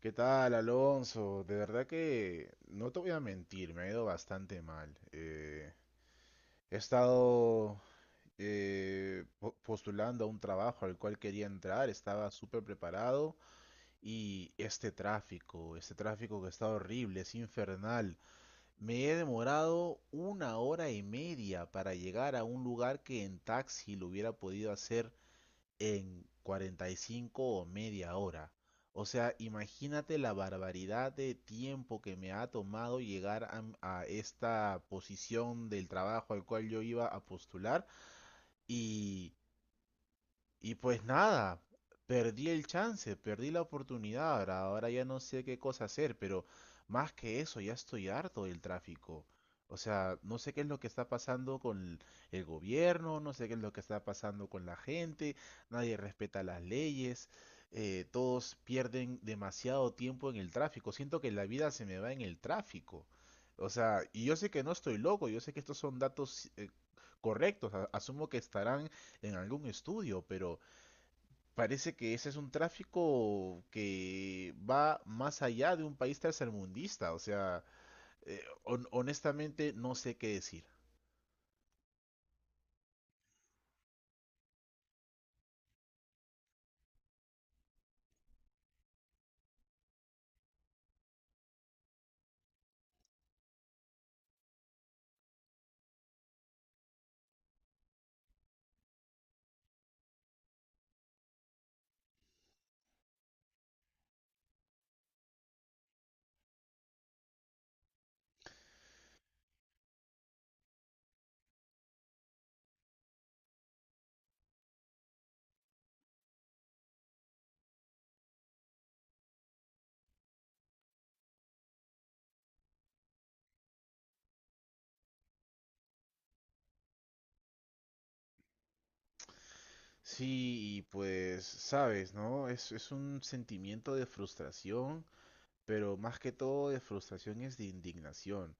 ¿Qué tal, Alonso? De verdad que no te voy a mentir, me ha ido bastante mal. He estado postulando a un trabajo al cual quería entrar, estaba súper preparado y este tráfico que está horrible, es infernal. Me he demorado una hora y media para llegar a un lugar que en taxi lo hubiera podido hacer en 45 o media hora. O sea, imagínate la barbaridad de tiempo que me ha tomado llegar a esta posición del trabajo al cual yo iba a postular y y pues nada, perdí el chance, perdí la oportunidad. Ahora ya no sé qué cosa hacer, pero más que eso, ya estoy harto del tráfico. O sea, no sé qué es lo que está pasando con el gobierno, no sé qué es lo que está pasando con la gente, nadie respeta las leyes, todos pierden demasiado tiempo en el tráfico. Siento que la vida se me va en el tráfico. O sea, y yo sé que no estoy loco, yo sé que estos son datos correctos, asumo que estarán en algún estudio, pero parece que ese es un tráfico que va más allá de un país tercermundista, o sea, honestamente no sé qué decir. Sí, y pues sabes, ¿no? Es un sentimiento de frustración, pero más que todo de frustración es de indignación.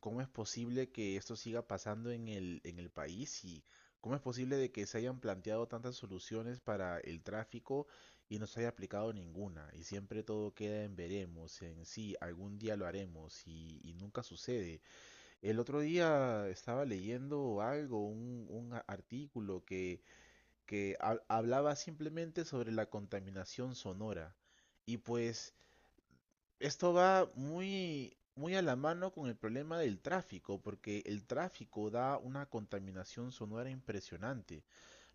¿Cómo es posible que esto siga pasando en el país? ¿Y cómo es posible de que se hayan planteado tantas soluciones para el tráfico y no se haya aplicado ninguna? Y siempre todo queda en veremos, en sí, algún día lo haremos y nunca sucede. El otro día estaba leyendo algo, un artículo hablaba simplemente sobre la contaminación sonora. Y pues esto va muy, muy a la mano con el problema del tráfico, porque el tráfico da una contaminación sonora impresionante.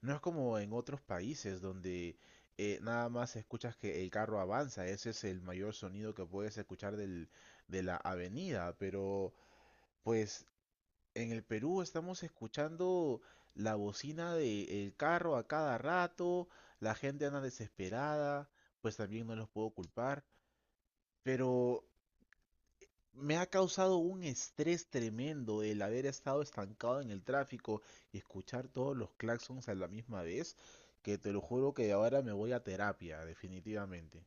No es como en otros países donde nada más escuchas que el carro avanza, ese es el mayor sonido que puedes escuchar de la avenida, pero pues en el Perú estamos escuchando la bocina del carro a cada rato, la gente anda desesperada, pues también no los puedo culpar, pero me ha causado un estrés tremendo el haber estado estancado en el tráfico y escuchar todos los claxons a la misma vez, que te lo juro que ahora me voy a terapia, definitivamente.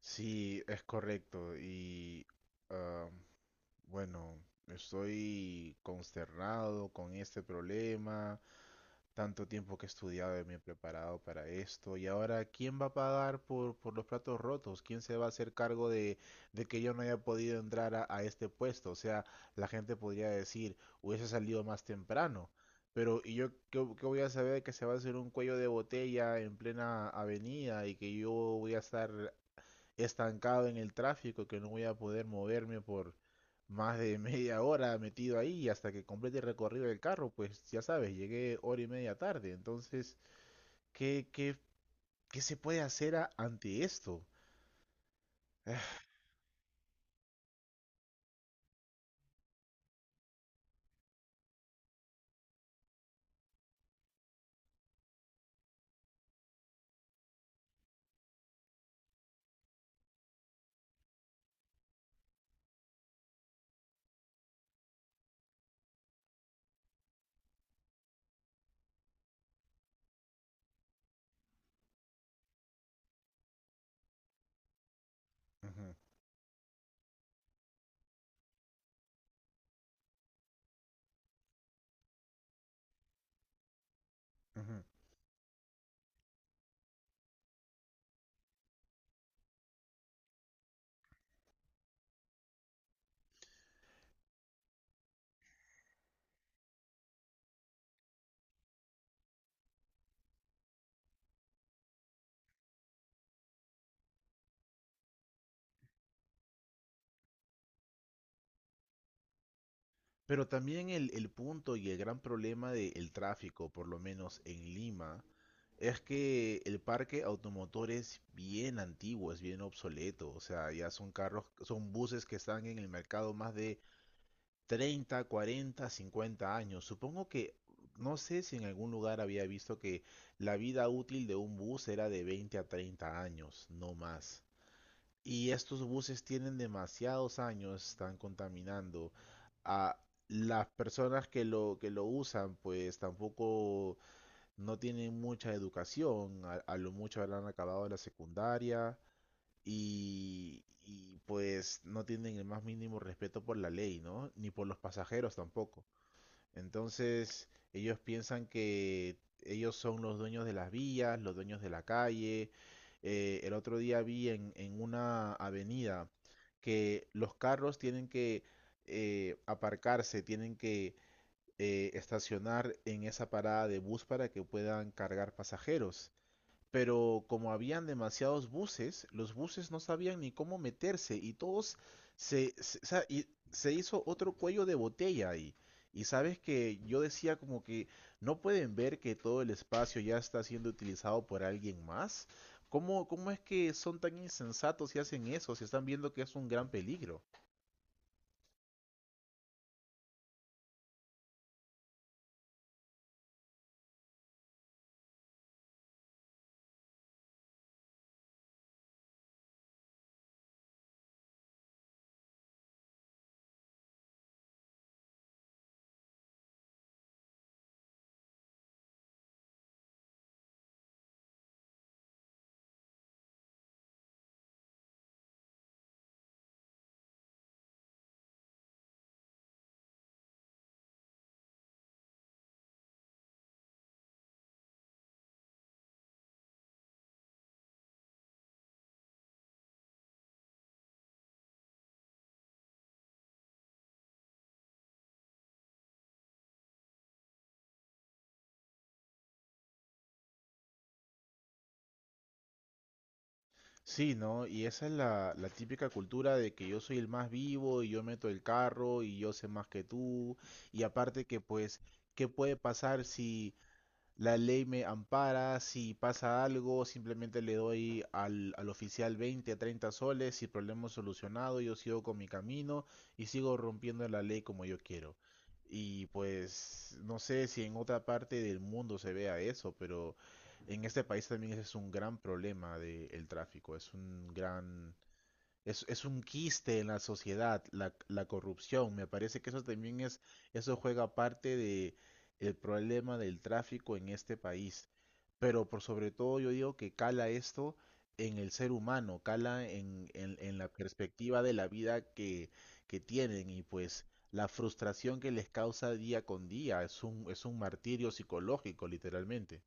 Sí, es correcto. Ah, Bueno, estoy consternado con este problema. Tanto tiempo que he estudiado y me he preparado para esto. Y ahora, ¿quién va a pagar por los platos rotos? ¿Quién se va a hacer cargo de que yo no haya podido entrar a este puesto? O sea, la gente podría decir, hubiese salido más temprano. Pero, ¿y yo qué voy a saber que se va a hacer un cuello de botella en plena avenida y que yo voy a estar estancado en el tráfico, que no voy a poder moverme por más de media hora metido ahí hasta que complete el recorrido del carro, pues ya sabes, llegué hora y media tarde? Entonces, ¿qué, qué, qué se puede hacer ante esto? Ujú, ujú. Pero también el punto y el gran problema del tráfico, por lo menos en Lima, es que el parque automotor es bien antiguo, es bien obsoleto. O sea, ya son carros, son buses que están en el mercado más de treinta, 40, 50 años. Supongo que, no sé si en algún lugar había visto que la vida útil de un bus era de 20 a 30 años, no más. Y estos buses tienen demasiados años, están contaminando. A las personas que lo usan, pues tampoco no tienen mucha educación, a lo mucho habrán acabado la secundaria pues no tienen el más mínimo respeto por la ley, ¿no? Ni por los pasajeros tampoco. Entonces ellos piensan que ellos son los dueños de las vías, los dueños de la calle. El otro día vi una avenida que los carros tienen que aparcarse, tienen que estacionar en esa parada de bus para que puedan cargar pasajeros, pero como habían demasiados buses, los buses no sabían ni cómo meterse y todos o sea, y se hizo otro cuello de botella ahí. Y sabes, que yo decía como que no pueden ver que todo el espacio ya está siendo utilizado por alguien más. ¿Cómo es que son tan insensatos y hacen eso si están viendo que es un gran peligro? Sí, ¿no? Y esa es la típica cultura de que yo soy el más vivo y yo meto el carro y yo sé más que tú. Y aparte que pues, ¿qué puede pasar? Si la ley me ampara, si pasa algo, simplemente le doy al oficial 20, 30 soles y problema solucionado, yo sigo con mi camino y sigo rompiendo la ley como yo quiero. Y pues no sé si en otra parte del mundo se vea eso, pero en este país también ese es un gran problema del tráfico, es un quiste en la sociedad, la corrupción. Me parece que eso también eso juega parte de el problema del tráfico en este país. Pero por sobre todo yo digo que cala esto en el ser humano, cala en la perspectiva de la vida que tienen, y pues la frustración que les causa día con día es un martirio psicológico, literalmente.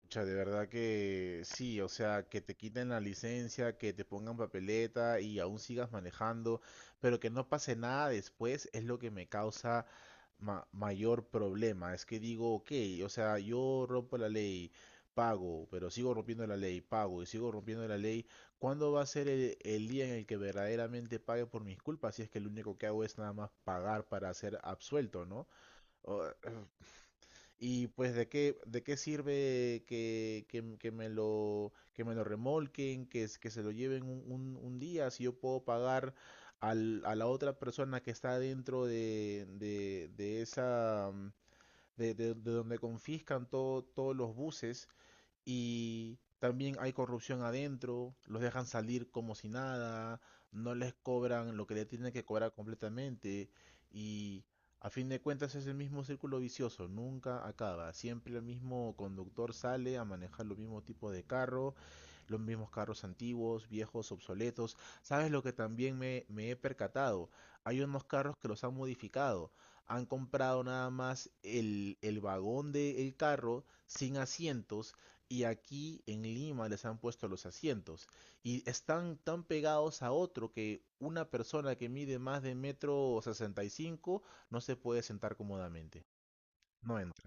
Pucha, de verdad que sí, o sea, que te quiten la licencia, que te pongan papeleta y aún sigas manejando, pero que no pase nada después es lo que me causa mayor problema. Es que digo, ok, o sea, yo rompo la ley, pago, pero sigo rompiendo la ley, pago y sigo rompiendo la ley. ¿Cuándo va a ser el día en el que verdaderamente pague por mis culpas? Si es que lo único que hago es nada más pagar para ser absuelto, ¿no? O- y pues, ¿de qué sirve que me lo remolquen, que se lo lleven un día, si yo puedo pagar a la otra persona que está dentro de, esa, de donde confiscan todos los buses? Y también hay corrupción adentro, los dejan salir como si nada, no les cobran lo que le tienen que cobrar completamente, y a fin de cuentas es el mismo círculo vicioso, nunca acaba, siempre el mismo conductor sale a manejar los mismos tipos de carro, los mismos carros antiguos, viejos, obsoletos. ¿Sabes lo que también me he percatado? Hay unos carros que los han modificado. Han comprado nada más el vagón del carro sin asientos, y aquí en Lima les han puesto los asientos y están tan pegados a otro que una persona que mide más de metro 65 no se puede sentar cómodamente. No entra.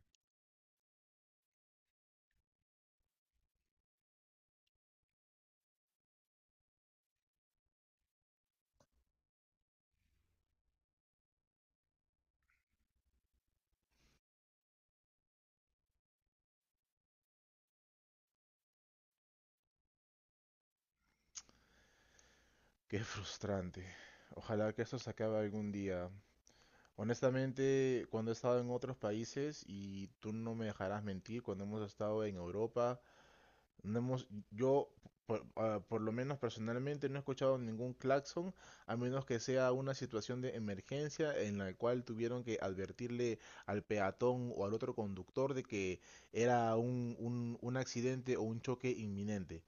Qué frustrante. Ojalá que esto se acabe algún día. Honestamente, cuando he estado en otros países, y tú no me dejarás mentir, cuando hemos estado en Europa. No hemos, yo, por, ah, Por lo menos personalmente, no he escuchado ningún claxon, a menos que sea una situación de emergencia en la cual tuvieron que advertirle al peatón o al otro conductor de que era un accidente o un choque inminente.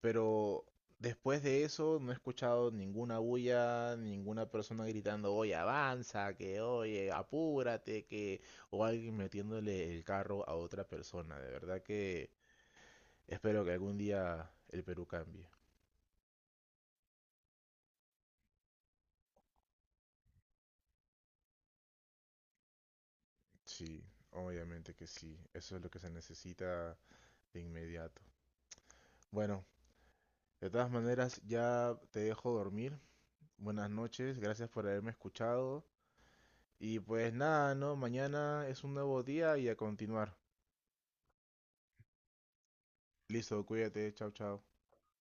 Pero después de eso, no he escuchado ninguna bulla, ninguna persona gritando: oye, avanza, que oye, apúrate, que, o alguien metiéndole el carro a otra persona. De verdad que espero que algún día el Perú cambie. Sí, obviamente que sí. Eso es lo que se necesita de inmediato. Bueno, de todas maneras, ya te dejo dormir. Buenas noches, gracias por haberme escuchado. Y pues nada, ¿no? Mañana es un nuevo día y a continuar. Listo, cuídate, chao, chao.